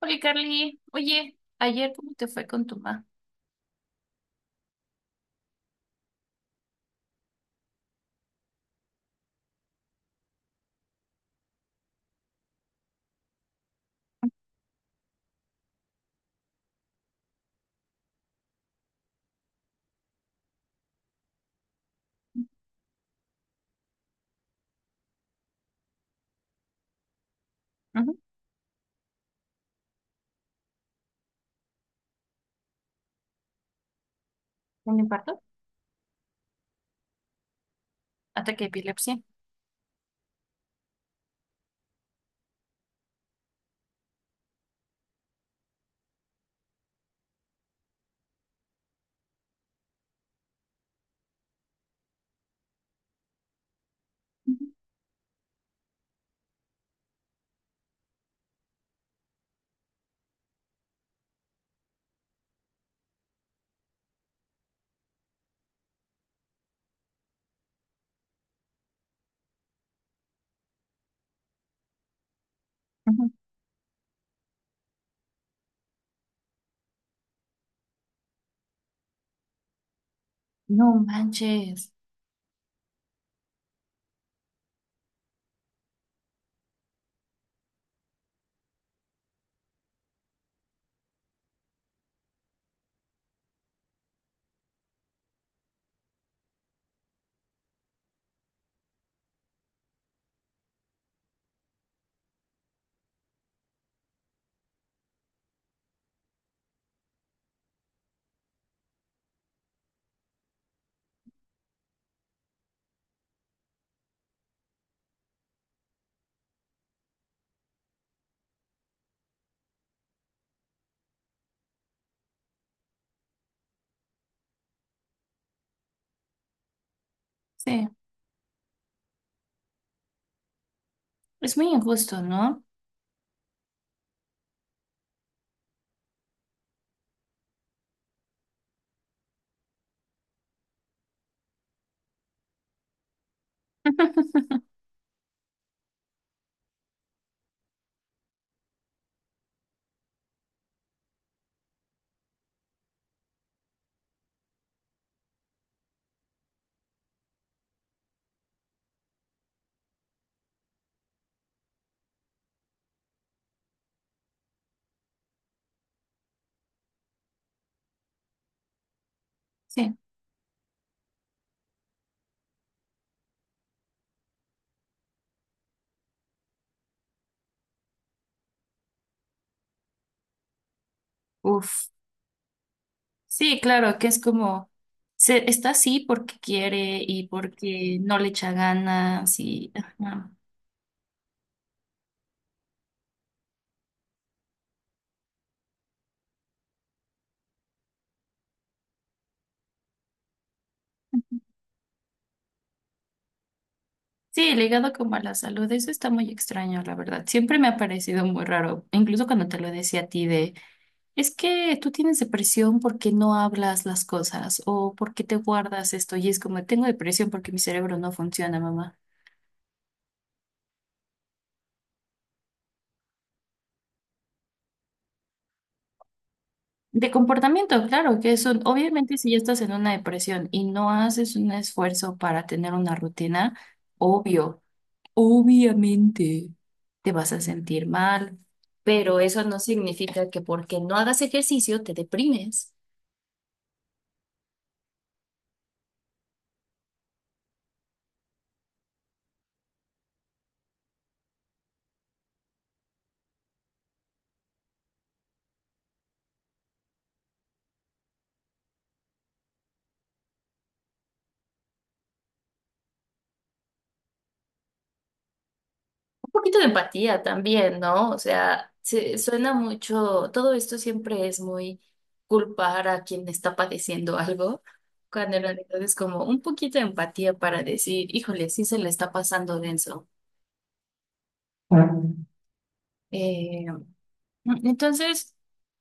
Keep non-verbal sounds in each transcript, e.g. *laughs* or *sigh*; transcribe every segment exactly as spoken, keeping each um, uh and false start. Oye, Carly, oye, ayer ¿cómo te fue con tu mamá? Ujú. ¿Un infarto? Ataque de epilepsia. Ujú, ujú. No manches. Sí, es muy injusto, ¿no? *laughs* Sí. Uf. Sí, claro, que es como, se, está así porque quiere y porque no le echa ganas y... ajá. Sí, ligado como a la salud, eso está muy extraño, la verdad. Siempre me ha parecido muy raro, incluso cuando te lo decía a ti de... Es que tú tienes depresión porque no hablas las cosas o porque te guardas esto y es como, tengo depresión porque mi cerebro no funciona, mamá. De comportamiento, claro, que eso, obviamente si ya estás en una depresión y no haces un esfuerzo para tener una rutina, obvio, obviamente te vas a sentir mal, pero eso no significa que porque no hagas ejercicio te deprimes. Un poquito de empatía también, ¿no? O sea, se, suena mucho, todo esto siempre es muy culpar a quien está padeciendo algo, cuando en realidad es como un poquito de empatía para decir, híjole, sí se le está pasando denso. Eh, entonces,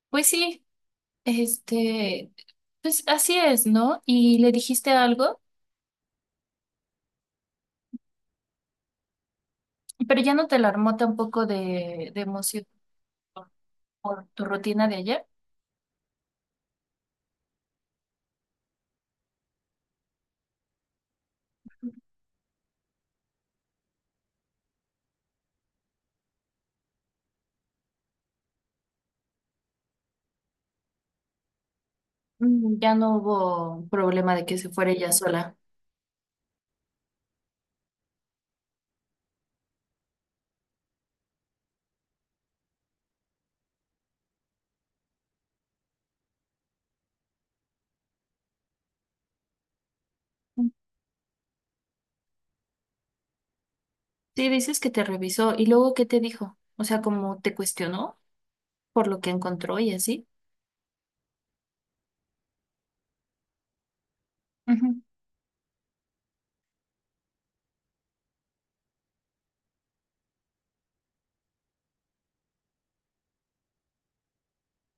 pues sí, este, pues así es, ¿no? Y le dijiste algo, pero ya no te alarmó tampoco de, de emoción por, por tu rutina de ayer. Mm, ya no hubo problema de que se fuera ella sola. Mm. Sí, dices que te revisó y luego ¿qué te dijo? O sea, como te cuestionó por lo que encontró y así? Ujú,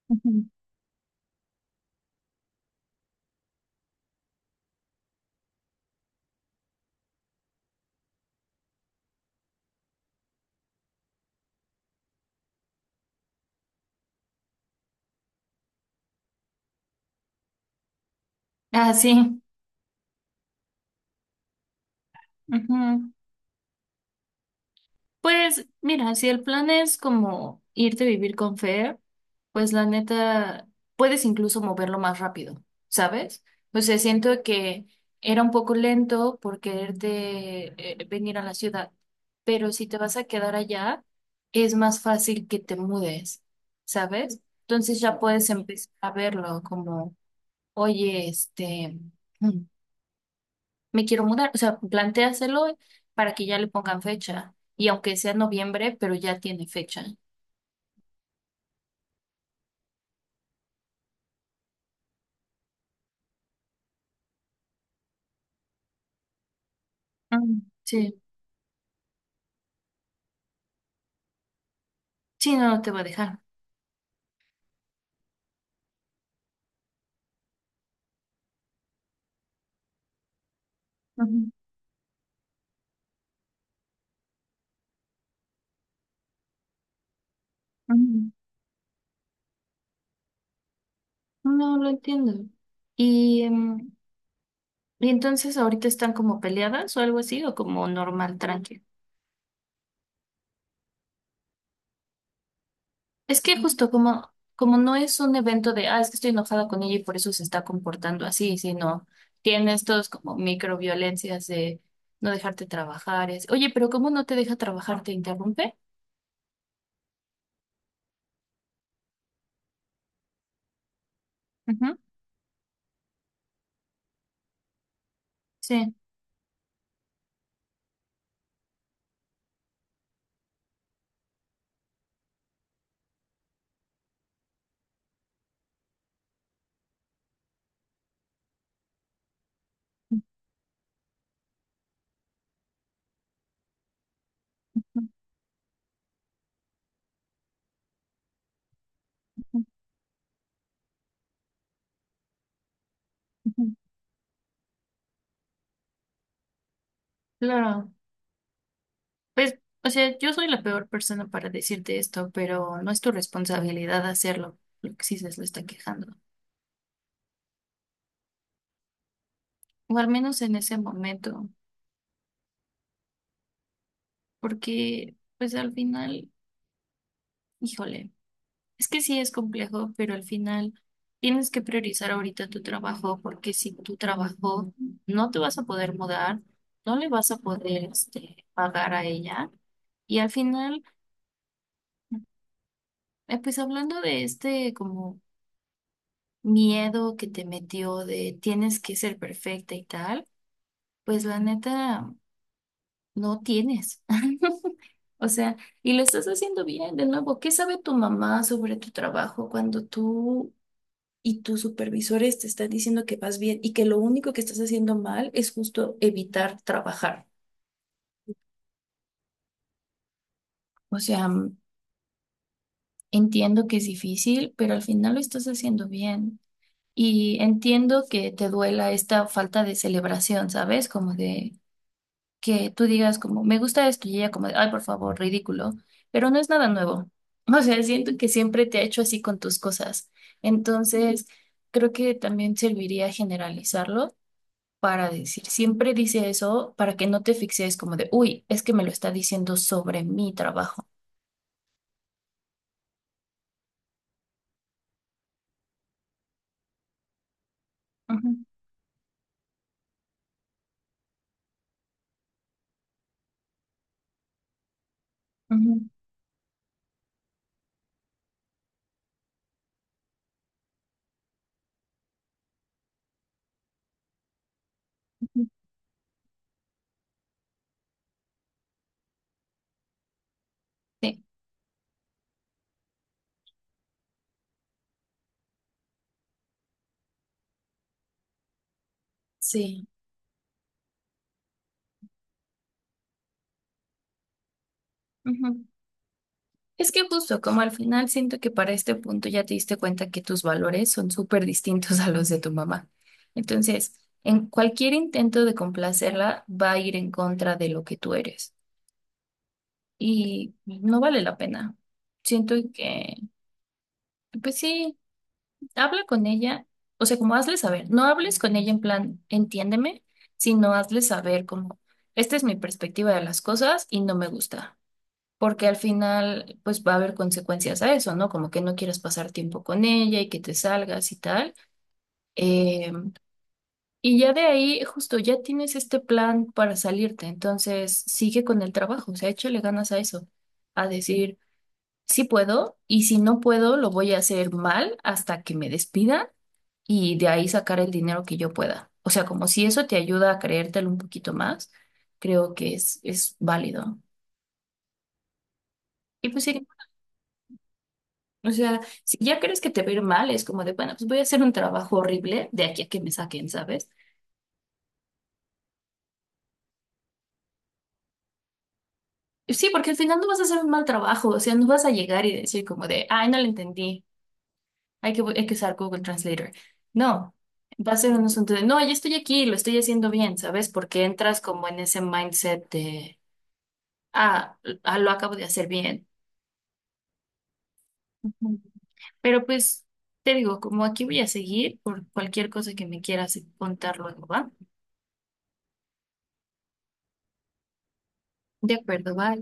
ujú. Ah, sí. Ujú. Pues mira, si el plan es como irte a vivir con Fer, pues la neta, puedes incluso moverlo más rápido, ¿sabes? O sea, siento que era un poco lento por quererte eh, venir a la ciudad, pero si te vas a quedar allá, es más fácil que te mudes, ¿sabes? Entonces ya puedes empezar a verlo como, oye, este, mm, me quiero mudar. O sea, plantéaselo para que ya le pongan fecha. Y aunque sea noviembre, pero ya tiene fecha. Mm, sí, sí, no, no te va a dejar. Ujú, ujú. No lo entiendo. Y, em, y entonces ahorita ¿están como peleadas o algo así, o como normal, tranqui? Es que justo como, como no es un evento de, ah, es que estoy enojada con ella y por eso se está comportando así, sino tiene estos como microviolencias de no dejarte trabajar. Es, oye, pero ¿cómo no te deja trabajar? ¿Te interrumpe? Sí, ujú, ujú. Claro. Pues, o sea, yo soy la peor persona para decirte esto, pero no es tu responsabilidad hacerlo, lo que sí se lo está quejando. O al menos en ese momento, porque, pues al final, híjole, es que sí es complejo, pero al final tienes que priorizar ahorita tu trabajo, porque si tu trabajo no te vas a poder mudar, no le vas a poder, este, pagar a ella, y al final... Eh, pues hablando de este como miedo que te metió de tienes que ser perfecta y tal, pues la neta no tienes. *laughs* O sea, y lo estás haciendo bien de nuevo. ¿Qué sabe tu mamá sobre tu trabajo cuando tú y tus supervisores te están diciendo que vas bien y que lo único que estás haciendo mal es justo evitar trabajar? O sea, mm, entiendo que es difícil, pero al final lo estás haciendo bien. Y entiendo que te duela esta falta de celebración, ¿sabes? Como de... que tú digas como, me gusta esto y ella como, de, ay, por favor, ridículo, pero no es nada nuevo. *laughs* O sea, siento que siempre te ha hecho así con tus cosas. Entonces, creo que también serviría generalizarlo para decir, siempre dice eso para que no te fijes como de, uy, es que me lo está diciendo sobre mi trabajo. Ujú, ujú, ujú. Sí. Sí. Es que justo como al final siento que para este punto ya te diste cuenta que tus valores son súper distintos a los de tu mamá. Entonces, en cualquier intento de complacerla va a ir en contra de lo que tú eres y no vale la pena. Siento que, pues sí, habla con ella, o sea, como hazle saber, no hables con ella en plan, entiéndeme, sino hazle saber como, esta es mi perspectiva de las cosas y no me gusta. Porque al final pues va a haber consecuencias a eso, ¿no? Como que no quieras pasar tiempo con ella y que te salgas y tal. Eh, y ya de ahí, justo, ya tienes este plan para salirte, entonces sigue con el trabajo, o sea, échale ganas a eso, a decir, sí puedo y si no puedo, lo voy a hacer mal hasta que me despidan y de ahí sacar el dinero que yo pueda. O sea, como si eso te ayuda a creértelo un poquito más, creo que es, es válido. Y pues sí, o sea, si ya crees que te va a ir mal, es como de, bueno, pues voy a hacer un trabajo horrible de aquí a que me saquen, ¿sabes? Sí, porque al final no vas a hacer un mal trabajo, o sea, no vas a llegar y decir como de, ay, no lo entendí, hay que, hay que usar Google Translator. No, va a ser un asunto de, no, ya estoy aquí, lo estoy haciendo bien, ¿sabes? Porque entras como en ese mindset de, ah, ah, lo acabo de hacer bien. Ujú. Pero pues, te digo, como aquí voy a seguir por cualquier cosa que me quieras contar luego, ¿va? De acuerdo, va.